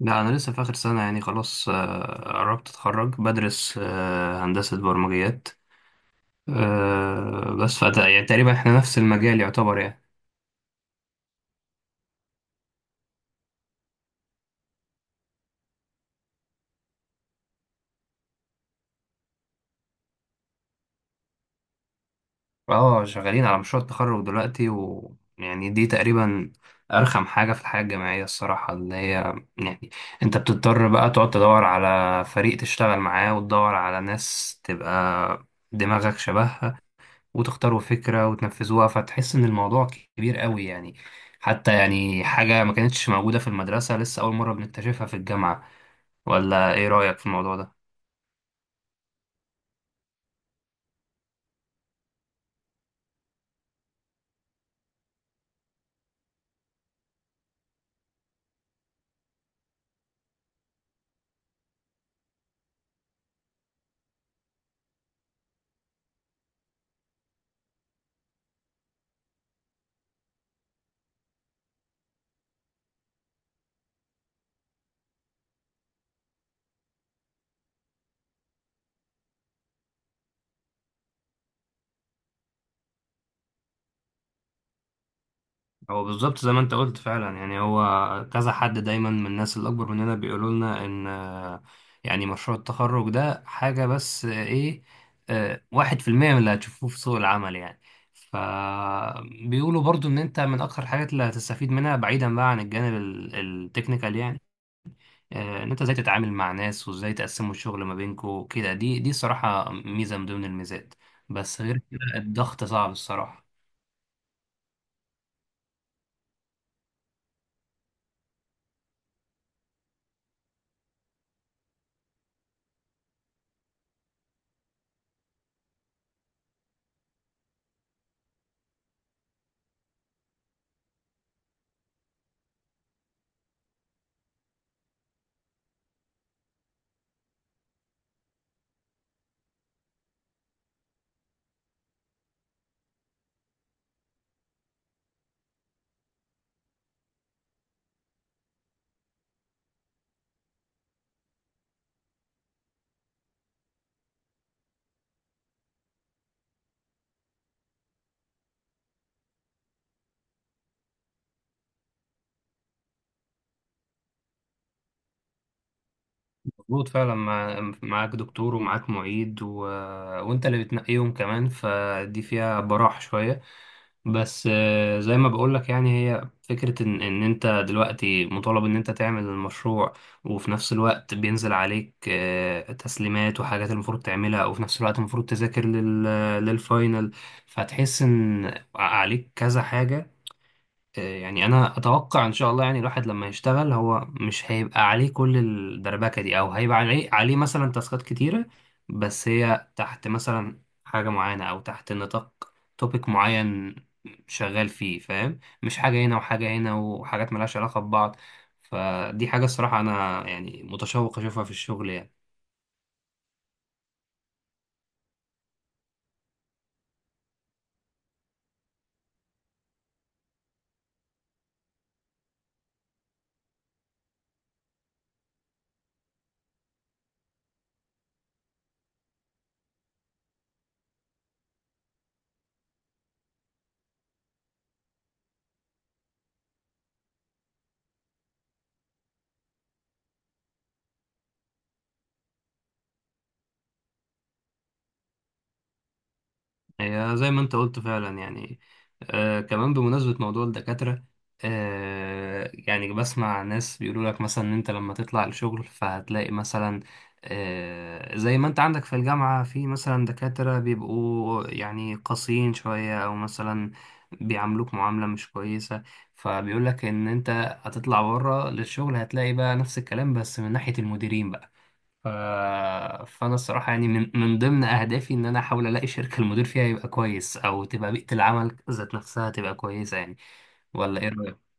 لا، أنا لسه في آخر سنة يعني خلاص، قربت أتخرج بدرس هندسة برمجيات. بس يعني تقريبا إحنا نفس المجال يعتبر يعني. اه، شغالين على مشروع التخرج دلوقتي، ويعني دي تقريبا أرخم حاجة في الحياة الجامعية الصراحة، اللي هي يعني أنت بتضطر بقى تقعد تدور على فريق تشتغل معاه وتدور على ناس تبقى دماغك شبهها، وتختاروا فكرة وتنفذوها، فتحس إن الموضوع كبير قوي يعني. حتى يعني حاجة ما كانتش موجودة في المدرسة، لسه أول مرة بنكتشفها في الجامعة. ولا إيه رأيك في الموضوع ده؟ هو بالظبط زي ما أنت قلت فعلا يعني، هو كذا حد دايما من الناس الأكبر مننا بيقولوا لنا إن يعني مشروع التخرج ده حاجة، بس إيه، 1% من اللي هتشوفوه في سوق العمل يعني. فبيقولوا برضو إن أنت من أكتر الحاجات اللي هتستفيد منها بعيدا بقى عن الجانب التكنيكال يعني. ان انت ازاي تتعامل مع ناس، وازاي تقسموا الشغل ما بينكم كده، دي صراحة ميزة من ضمن الميزات. بس غير كده الضغط صعب الصراحة. مظبوط فعلا. معاك دكتور ومعاك معيد وانت اللي بتنقيهم كمان، فدي فيها براح شوية. بس زي ما بقولك يعني، هي فكرة ان انت دلوقتي مطالب ان انت تعمل المشروع، وفي نفس الوقت بينزل عليك تسليمات وحاجات المفروض تعملها، وفي نفس الوقت المفروض تذاكر للفاينل. فتحس ان عليك كذا حاجة. يعني انا اتوقع ان شاء الله، يعني الواحد لما يشتغل هو مش هيبقى عليه كل الدربكه دي، او هيبقى عليه مثلا تاسكات كتيره، بس هي تحت مثلا حاجه معينه، او تحت نطاق توبيك معين شغال فيه، فاهم؟ مش حاجه هنا وحاجه هنا وحاجات ملهاش علاقه ببعض. فدي حاجه الصراحه انا يعني متشوق اشوفها في الشغل يعني. هي زي ما انت قلت فعلا يعني. كمان، بمناسبة موضوع الدكاترة، يعني بسمع ناس بيقولوا لك مثلا ان انت لما تطلع الشغل فهتلاقي مثلا، زي ما انت عندك في الجامعة، في مثلا دكاترة بيبقوا يعني قاسيين شوية، او مثلا بيعاملوك معاملة مش كويسة. فبيقول لك ان انت هتطلع بره للشغل، هتلاقي بقى نفس الكلام بس من ناحية المديرين بقى. ف... فانا الصراحه يعني من ضمن اهدافي ان انا احاول الاقي شركه المدير فيها يبقى كويس، او تبقى بيئه العمل ذات نفسها تبقى كويسه يعني. ولا ايه رايك؟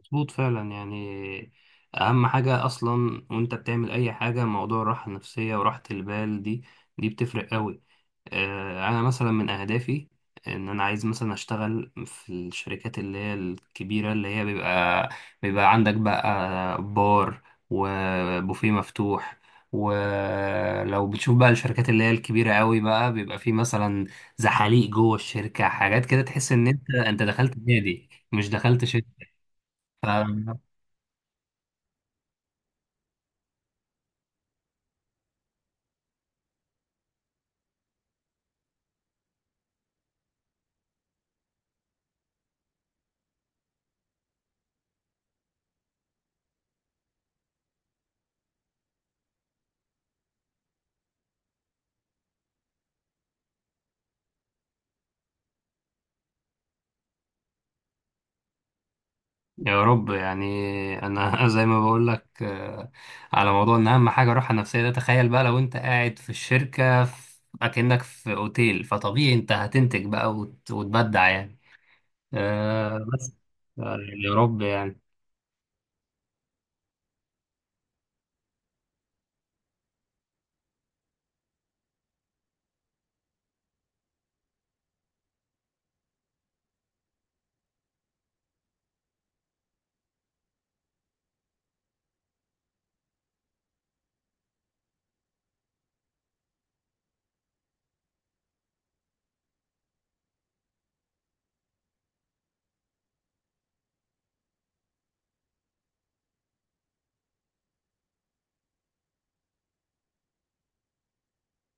مظبوط فعلا يعني. اهم حاجه اصلا وانت بتعمل اي حاجه، موضوع الراحه النفسيه وراحه البال دي، دي بتفرق قوي. انا مثلا من اهدافي ان انا عايز مثلا اشتغل في الشركات اللي هي الكبيره، اللي هي بيبقى عندك بقى بار وبوفيه مفتوح. ولو بتشوف بقى الشركات اللي هي الكبيره قوي، بقى بيبقى في مثلا زحاليق جوه الشركه، حاجات كده تحس ان انت دخلت نادي مش دخلت شركه. يا رب يعني. انا زي ما بقول لك، على موضوع ان اهم حاجه الراحه النفسيه ده، تخيل بقى لو انت قاعد في الشركه، اكنك في اوتيل، فطبيعي انت هتنتج بقى وتبدع يعني. بس. آه، يا رب يعني.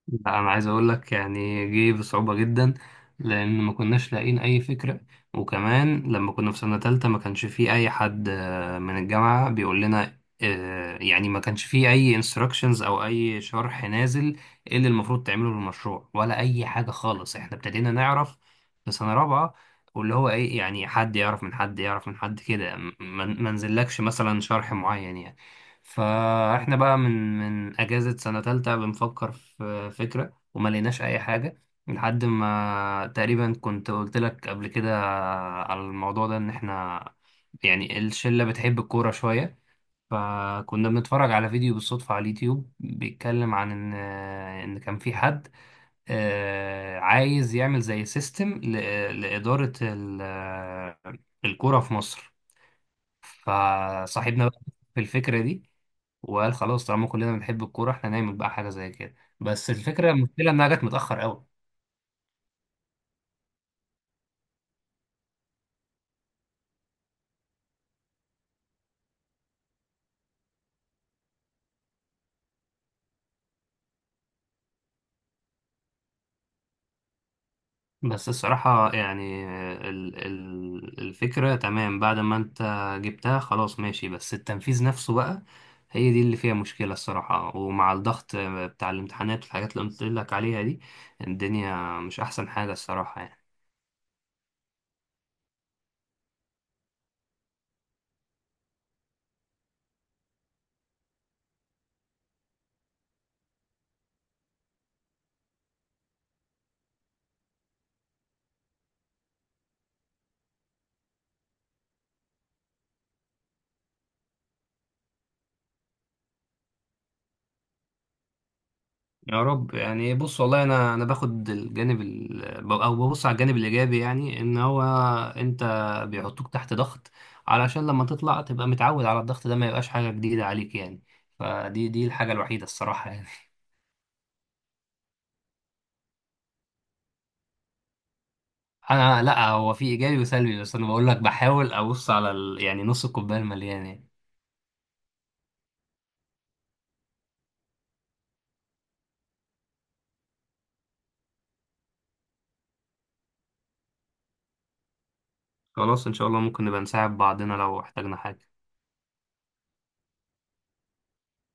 لا، انا عايز اقول لك يعني، جه بصعوبة جدا، لان ما كناش لاقيين اي فكرة. وكمان لما كنا في سنة تالتة ما كانش في اي حد من الجامعة بيقول لنا، يعني ما كانش في اي انستراكشنز او اي شرح نازل، ايه اللي المفروض تعمله للمشروع، ولا اي حاجة خالص. احنا ابتدينا نعرف في سنة رابعة، واللي هو ايه يعني، حد يعرف من حد يعرف من حد كده، ما نزلكش مثلا شرح معين يعني. فاحنا بقى من اجازة سنة تالتة بنفكر في فكرة، وما لقيناش اي حاجة، لحد ما تقريبا، كنت قلت لك قبل كده على الموضوع ده، ان احنا يعني الشلة بتحب الكورة شوية. فكنا بنتفرج على فيديو بالصدفة على اليوتيوب بيتكلم عن ان كان في حد عايز يعمل زي سيستم لإدارة الكورة في مصر. فصاحبنا بقى في الفكرة دي، وقال خلاص طالما كلنا بنحب الكورة، احنا نعمل بقى حاجة زي كده. بس الفكرة، المشكلة انها جت متأخر قوي. بس الصراحة يعني، ال ال الفكرة تمام بعد ما انت جبتها خلاص ماشي، بس التنفيذ نفسه بقى هي دي اللي فيها مشكلة الصراحة. ومع الضغط بتاع الامتحانات والحاجات اللي قلت لك عليها دي، الدنيا مش أحسن حاجة الصراحة يعني. يا رب يعني. بص والله، انا باخد الجانب او ببص على الجانب الايجابي، يعني ان هو انت بيحطوك تحت ضغط علشان لما تطلع تبقى متعود على الضغط ده، ما يبقاش حاجه جديده عليك يعني. فدي، دي الحاجه الوحيده الصراحه يعني. انا لا، هو في ايجابي وسلبي، بس انا بقول لك بحاول ابص على يعني نص الكوبايه المليان يعني. خلاص، ان شاء الله ممكن نبقى نساعد بعضنا لو احتاجنا حاجه.